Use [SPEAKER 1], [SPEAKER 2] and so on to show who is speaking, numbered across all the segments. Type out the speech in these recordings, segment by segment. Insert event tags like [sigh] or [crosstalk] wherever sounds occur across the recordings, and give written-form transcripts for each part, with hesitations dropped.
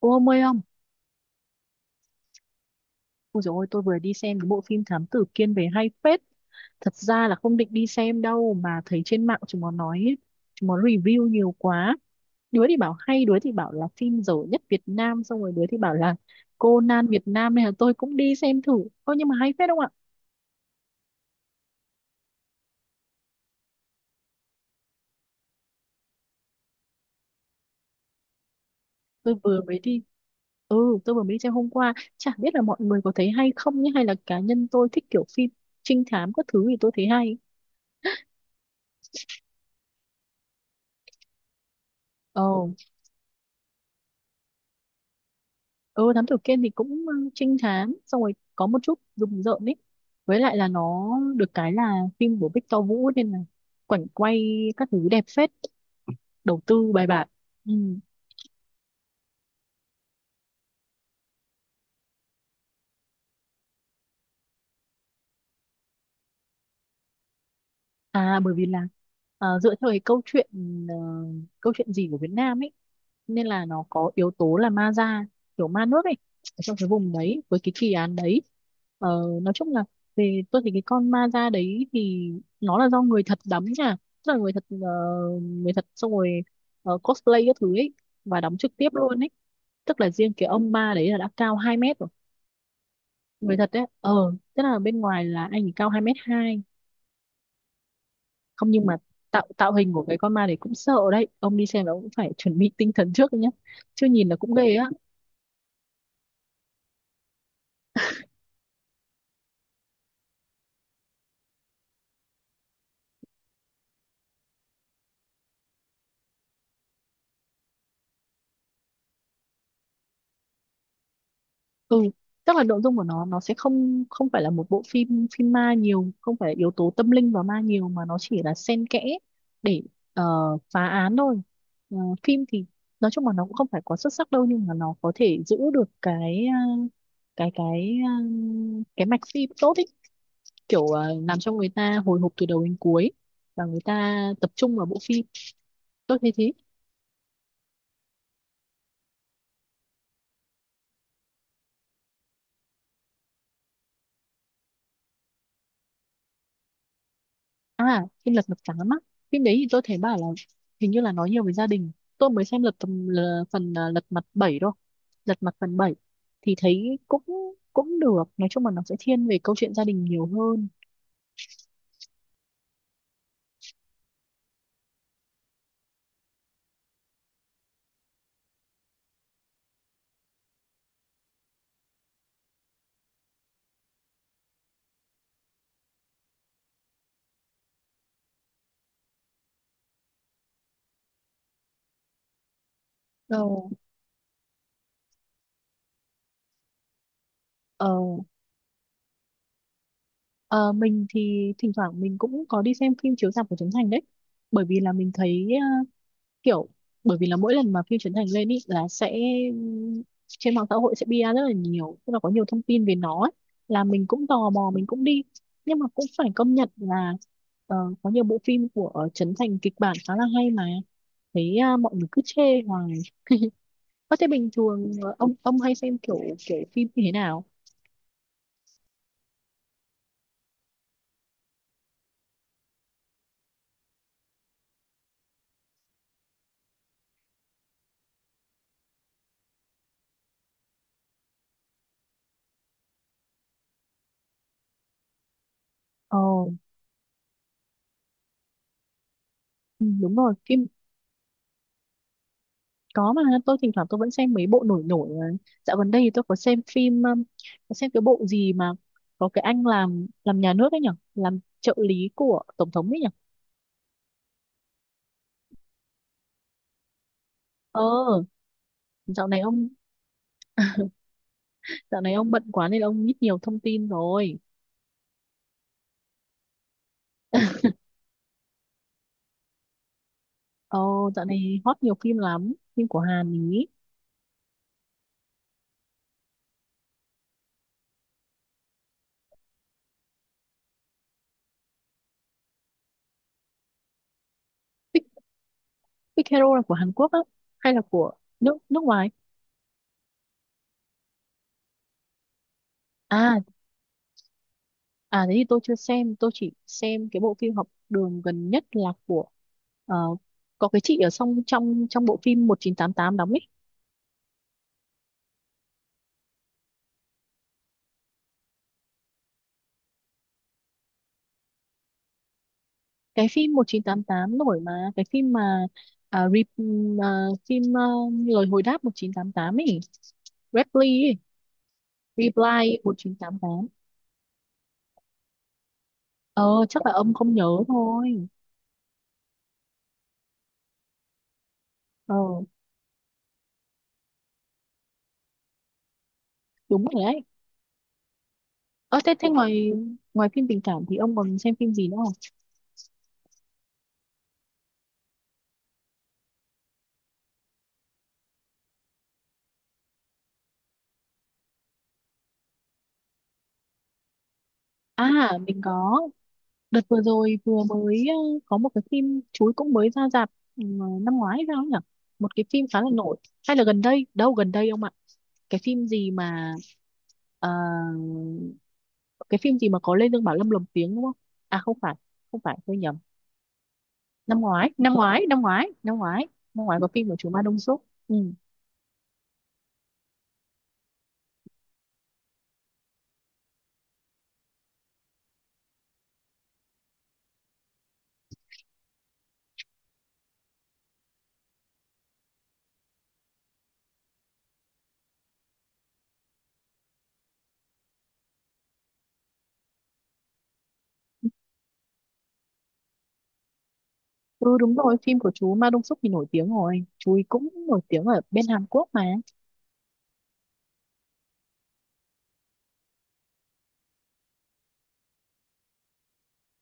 [SPEAKER 1] Cô ông ơi không? Ôi dồi ôi, tôi vừa đi xem cái bộ phim Thám Tử Kiên về hay phết. Thật ra là không định đi xem đâu mà thấy trên mạng chúng nó nói, ấy, chúng nó review nhiều quá. Đứa thì bảo hay, đứa thì bảo là phim dở nhất Việt Nam, xong rồi đứa thì bảo là Conan Việt Nam nên là tôi cũng đi xem thử. Ôi nhưng mà hay phết không ạ? Tôi vừa mới đi, ừ tôi vừa mới đi xem hôm qua. Chả biết là mọi người có thấy hay không nhé, hay là cá nhân tôi thích kiểu phim trinh thám các thứ thì tôi thấy hay. Ờ. Ừ, thám tử Kiên thì cũng ừ, trinh thám xong rồi có một chút rùng rợn ấy, với lại là nó được cái là phim của Victor Vũ nên là cảnh quay các thứ đẹp phết, đầu tư bài bản. Ừ. À bởi vì là dựa theo cái câu chuyện ờ, câu chuyện gì của Việt Nam ấy, nên là nó có yếu tố là ma da, kiểu ma nước ấy, ở trong cái vùng đấy với cái kỳ án đấy. Ờ, nói chung là về tôi thấy cái con ma da đấy thì nó là do người thật đóng nha, tức là người thật người thật xong rồi cosplay các thứ ấy và đóng trực tiếp luôn ấy, tức là riêng cái ông ma đấy là đã cao 2 mét rồi. Người thật đấy ờ, tức là bên ngoài là anh ấy cao 2 mét hai. Không nhưng mà tạo tạo hình của cái con ma đấy cũng sợ đấy, ông đi xem là ông cũng phải chuẩn bị tinh thần trước nhé nhá, chứ nhìn là cũng ghê á. Ừ, tức là nội dung của nó sẽ không không phải là một bộ phim phim ma nhiều, không phải yếu tố tâm linh và ma nhiều mà nó chỉ là xen kẽ để ờ, phá án thôi. Ờ, phim thì nói chung là nó cũng không phải quá xuất sắc đâu, nhưng mà nó có thể giữ được cái cái cái mạch phim tốt ý, kiểu làm cho người ta hồi hộp từ đầu đến cuối và người ta tập trung vào bộ phim. Tôi thấy thế. À phim Lật Mặt Trắng á, phim đấy thì tôi thấy bảo là hình như là nói nhiều về gia đình. Tôi mới xem lật tầm phần Lật Mặt 7 thôi, Lật Mặt phần bảy, thì thấy cũng cũng được, nói chung là nó sẽ thiên về câu chuyện gia đình nhiều hơn. Ờ, ờ, ờ, mình thì thỉnh thoảng mình cũng có đi xem phim chiếu rạp của Trấn Thành đấy, bởi vì là mình thấy kiểu, bởi vì là mỗi lần mà phim Trấn Thành lên ý là sẽ trên mạng xã hội sẽ bia rất là nhiều, tức là có nhiều thông tin về nó ấy, là mình cũng tò mò mình cũng đi. Nhưng mà cũng phải công nhận là ờ, có nhiều bộ phim của Trấn Thành kịch bản khá là hay mà thấy mọi người cứ chê hoài. Có thế bình thường ờ, ông hay xem kiểu kiểu phim như thế nào? Ờ. Ừ, đúng rồi phim. Có mà tôi thỉnh thoảng tôi vẫn xem mấy bộ nổi nổi mà. Dạo gần đây thì tôi có xem phim có xem cái bộ gì mà có cái anh làm nhà nước ấy nhỉ, làm trợ lý của tổng thống ấy nhỉ. Ờ dạo này ông. [laughs] Dạo này ông bận quá nên ông ít nhiều thông tin rồi. Ờ dạo này hot nhiều phim lắm, phim của Hàn ý. Big Hero là của Hàn Quốc á hay là của nước nước ngoài? À. À thế thì tôi chưa xem, tôi chỉ xem cái bộ phim học đường gần nhất là của ờ, có cái chị ở trong trong trong bộ phim một chín tám tám đóng ấy. Cái phim một chín tám tám nổi mà, cái phim mà à, re, phim ờ, lời hồi đáp một chín tám tám ấy, Reply một chín tám tám. Ờ chắc là ông không nhớ thôi. Ờ đúng rồi đấy. Ờ thế thế ngoài ngoài phim tình cảm thì ông còn xem phim gì nữa không? À mình có. Đợt vừa rồi vừa mới có một cái phim chuối cũng mới ra rạp, ừ, năm ngoái hay sao nhỉ? Một cái phim khá là nổi. Hay là gần đây? Đâu gần đây ông ạ? Cái phim gì mà ờ, cái phim gì mà có Lê Dương Bảo Lâm lồng tiếng đúng không? À không phải, không phải tôi nhầm. Năm ngoái, năm ngoái, năm ngoái, năm ngoái, năm ngoái có phim của chú Ma Đông Súc. Ừ. Ừ đúng rồi, phim của chú Ma Đông Súc thì nổi tiếng rồi. Chú ấy cũng nổi tiếng ở bên Hàn Quốc mà.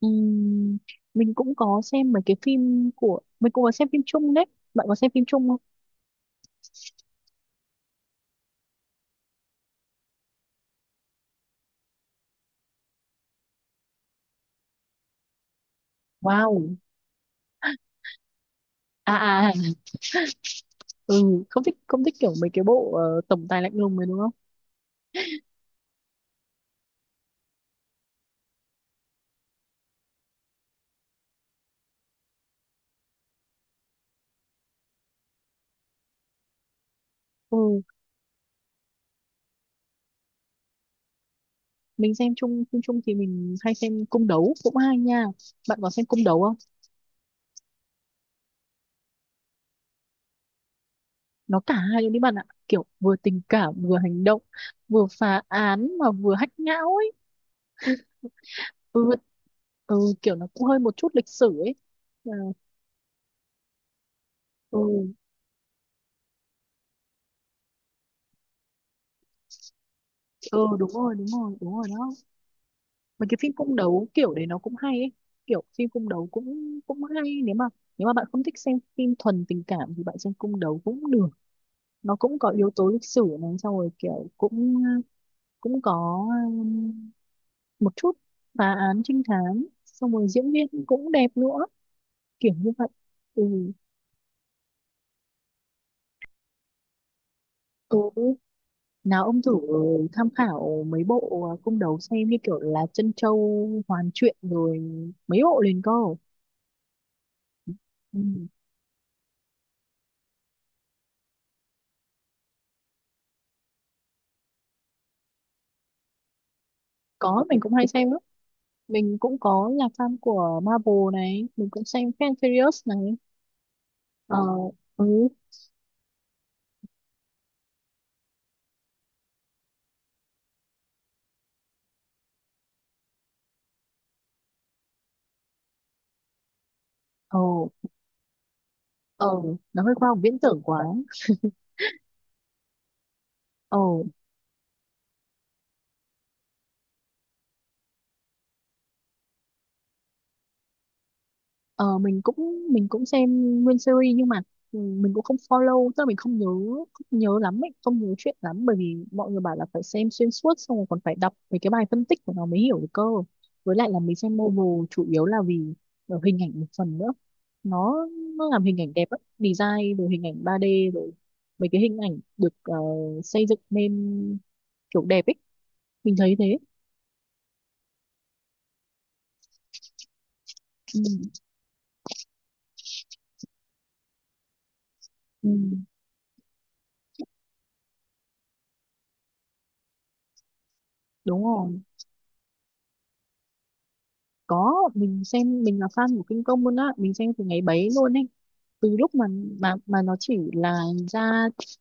[SPEAKER 1] Ừm, mình cũng có xem mấy cái phim của mình, cũng có xem phim chung đấy, bạn có xem phim chung không? Wow. À. À. Ừ không thích, kiểu mấy cái bộ ờ, tổng tài lạnh lùng này đúng không? Ừ mình xem chung, phim chung thì mình hay xem cung đấu cũng hay nha, bạn có xem cung đấu không? Nó cả hai luôn đấy bạn ạ, kiểu vừa tình cảm vừa hành động, vừa phá án mà vừa hách não ấy. Ừ, ừ kiểu nó cũng hơi một chút lịch sử ấy. Ờ, ừ. Ừ đúng rồi đúng rồi đúng rồi đó. Mấy cái phim cung đấu kiểu đấy nó cũng hay ấy, kiểu phim cung đấu cũng cũng hay, nếu mà bạn không thích xem phim thuần tình cảm thì bạn xem cung đấu cũng được. Nó cũng có yếu tố lịch sử này, xong rồi kiểu cũng cũng có một chút phá án trinh thám, xong rồi diễn viên cũng đẹp nữa, kiểu như vậy. Ừ. Ừ nào ông thử tham khảo mấy bộ cung đấu xem, như kiểu là Trân Châu Hoàn Truyện rồi mấy bộ liền cơ. Ừ. Có mình cũng hay xem lắm, mình cũng có là fan của Marvel này, mình cũng xem Fast and Furious này. Ờ. Ừ. Ờ. Ờ nó hơi khoa học viễn tưởng quá. Ờ. Ờ, mình cũng xem nguyên series nhưng mà ừ, mình cũng không follow, tức là mình không nhớ, không nhớ lắm ấy, không nhớ chuyện lắm, bởi vì mọi người bảo là phải xem xuyên suốt xong rồi còn phải đọc mấy cái bài phân tích của nó mới hiểu được cơ. Với lại là mình xem novel chủ yếu là vì ờ, hình ảnh một phần nữa. Nó nó làm hình ảnh đẹp ấy, design rồi hình ảnh 3D rồi mấy cái hình ảnh được xây dựng nên kiểu đẹp ấy. Mình thấy thế. Ừ. Ừ, đúng rồi. Có mình xem, mình là fan của kinh công luôn á, mình xem từ ngày bấy luôn ấy, từ lúc mà nó chỉ là ra,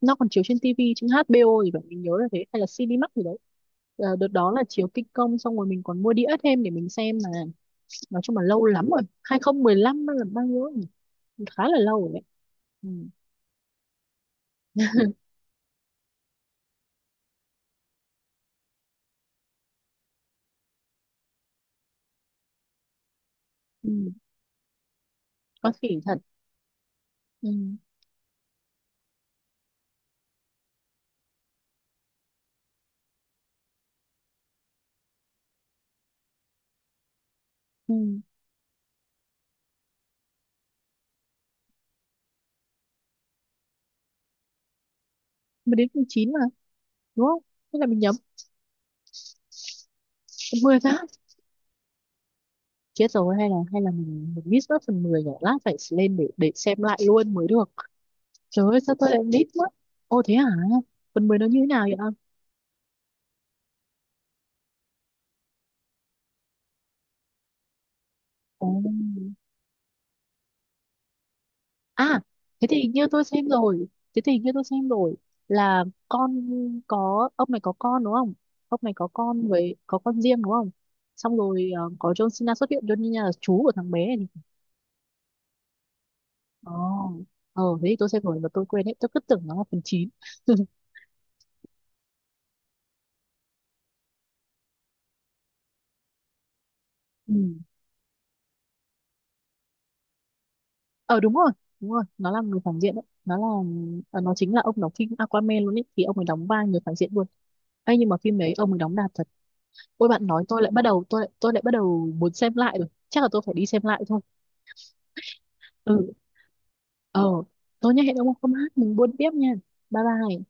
[SPEAKER 1] nó còn chiếu trên TV trên HBO thì vậy mình nhớ là thế, hay là Cinemax gì đấy. Ờ, đợt đó là chiếu kinh công xong rồi mình còn mua đĩa thêm để mình xem mà. Nói chung là lâu lắm rồi. 2015 lăm là bao nhiêu nhỉ? Khá là lâu rồi đấy. Ừ. Ừ. Có thể thật. Ừ. Ừ. Mới đến tháng 9 mà, đúng không? Thế là mình nhầm. Mười tháng. Chết rồi, hay là mình miss mất phần 10 nhỉ? Lát phải lên để xem lại luôn mới được. Trời ơi sao tôi lại miss mất? Ô thế hả? Phần 10 nó như thế nào vậy? Ồ. À, thế thì hình như tôi xem rồi. Thế thì hình như tôi xem rồi, là con, có ông này có con đúng không? Ông này có con với có con riêng đúng không? Xong rồi ờ, có John Cena xuất hiện, John Cena là chú của thằng bé này. Ồ. Ờ thế thì tôi xem rồi mà tôi quên hết, tôi cứ tưởng nó là phần 9. [laughs] Ừ. Ờ đúng rồi, đúng rồi, nó là người phản diện đấy, nó là ờ, nó chính là ông đóng phim Aquaman luôn ấy, thì ông ấy đóng vai người phản diện luôn ấy, nhưng mà phim đấy ông ấy đóng đạt thật. Ôi bạn nói tôi lại bắt đầu, tôi lại bắt đầu muốn xem lại rồi, chắc là tôi phải đi xem lại thôi. Ừ. Ờ tôi nhá, hẹn ông hôm hát mình buôn tiếp nha. Bye bye.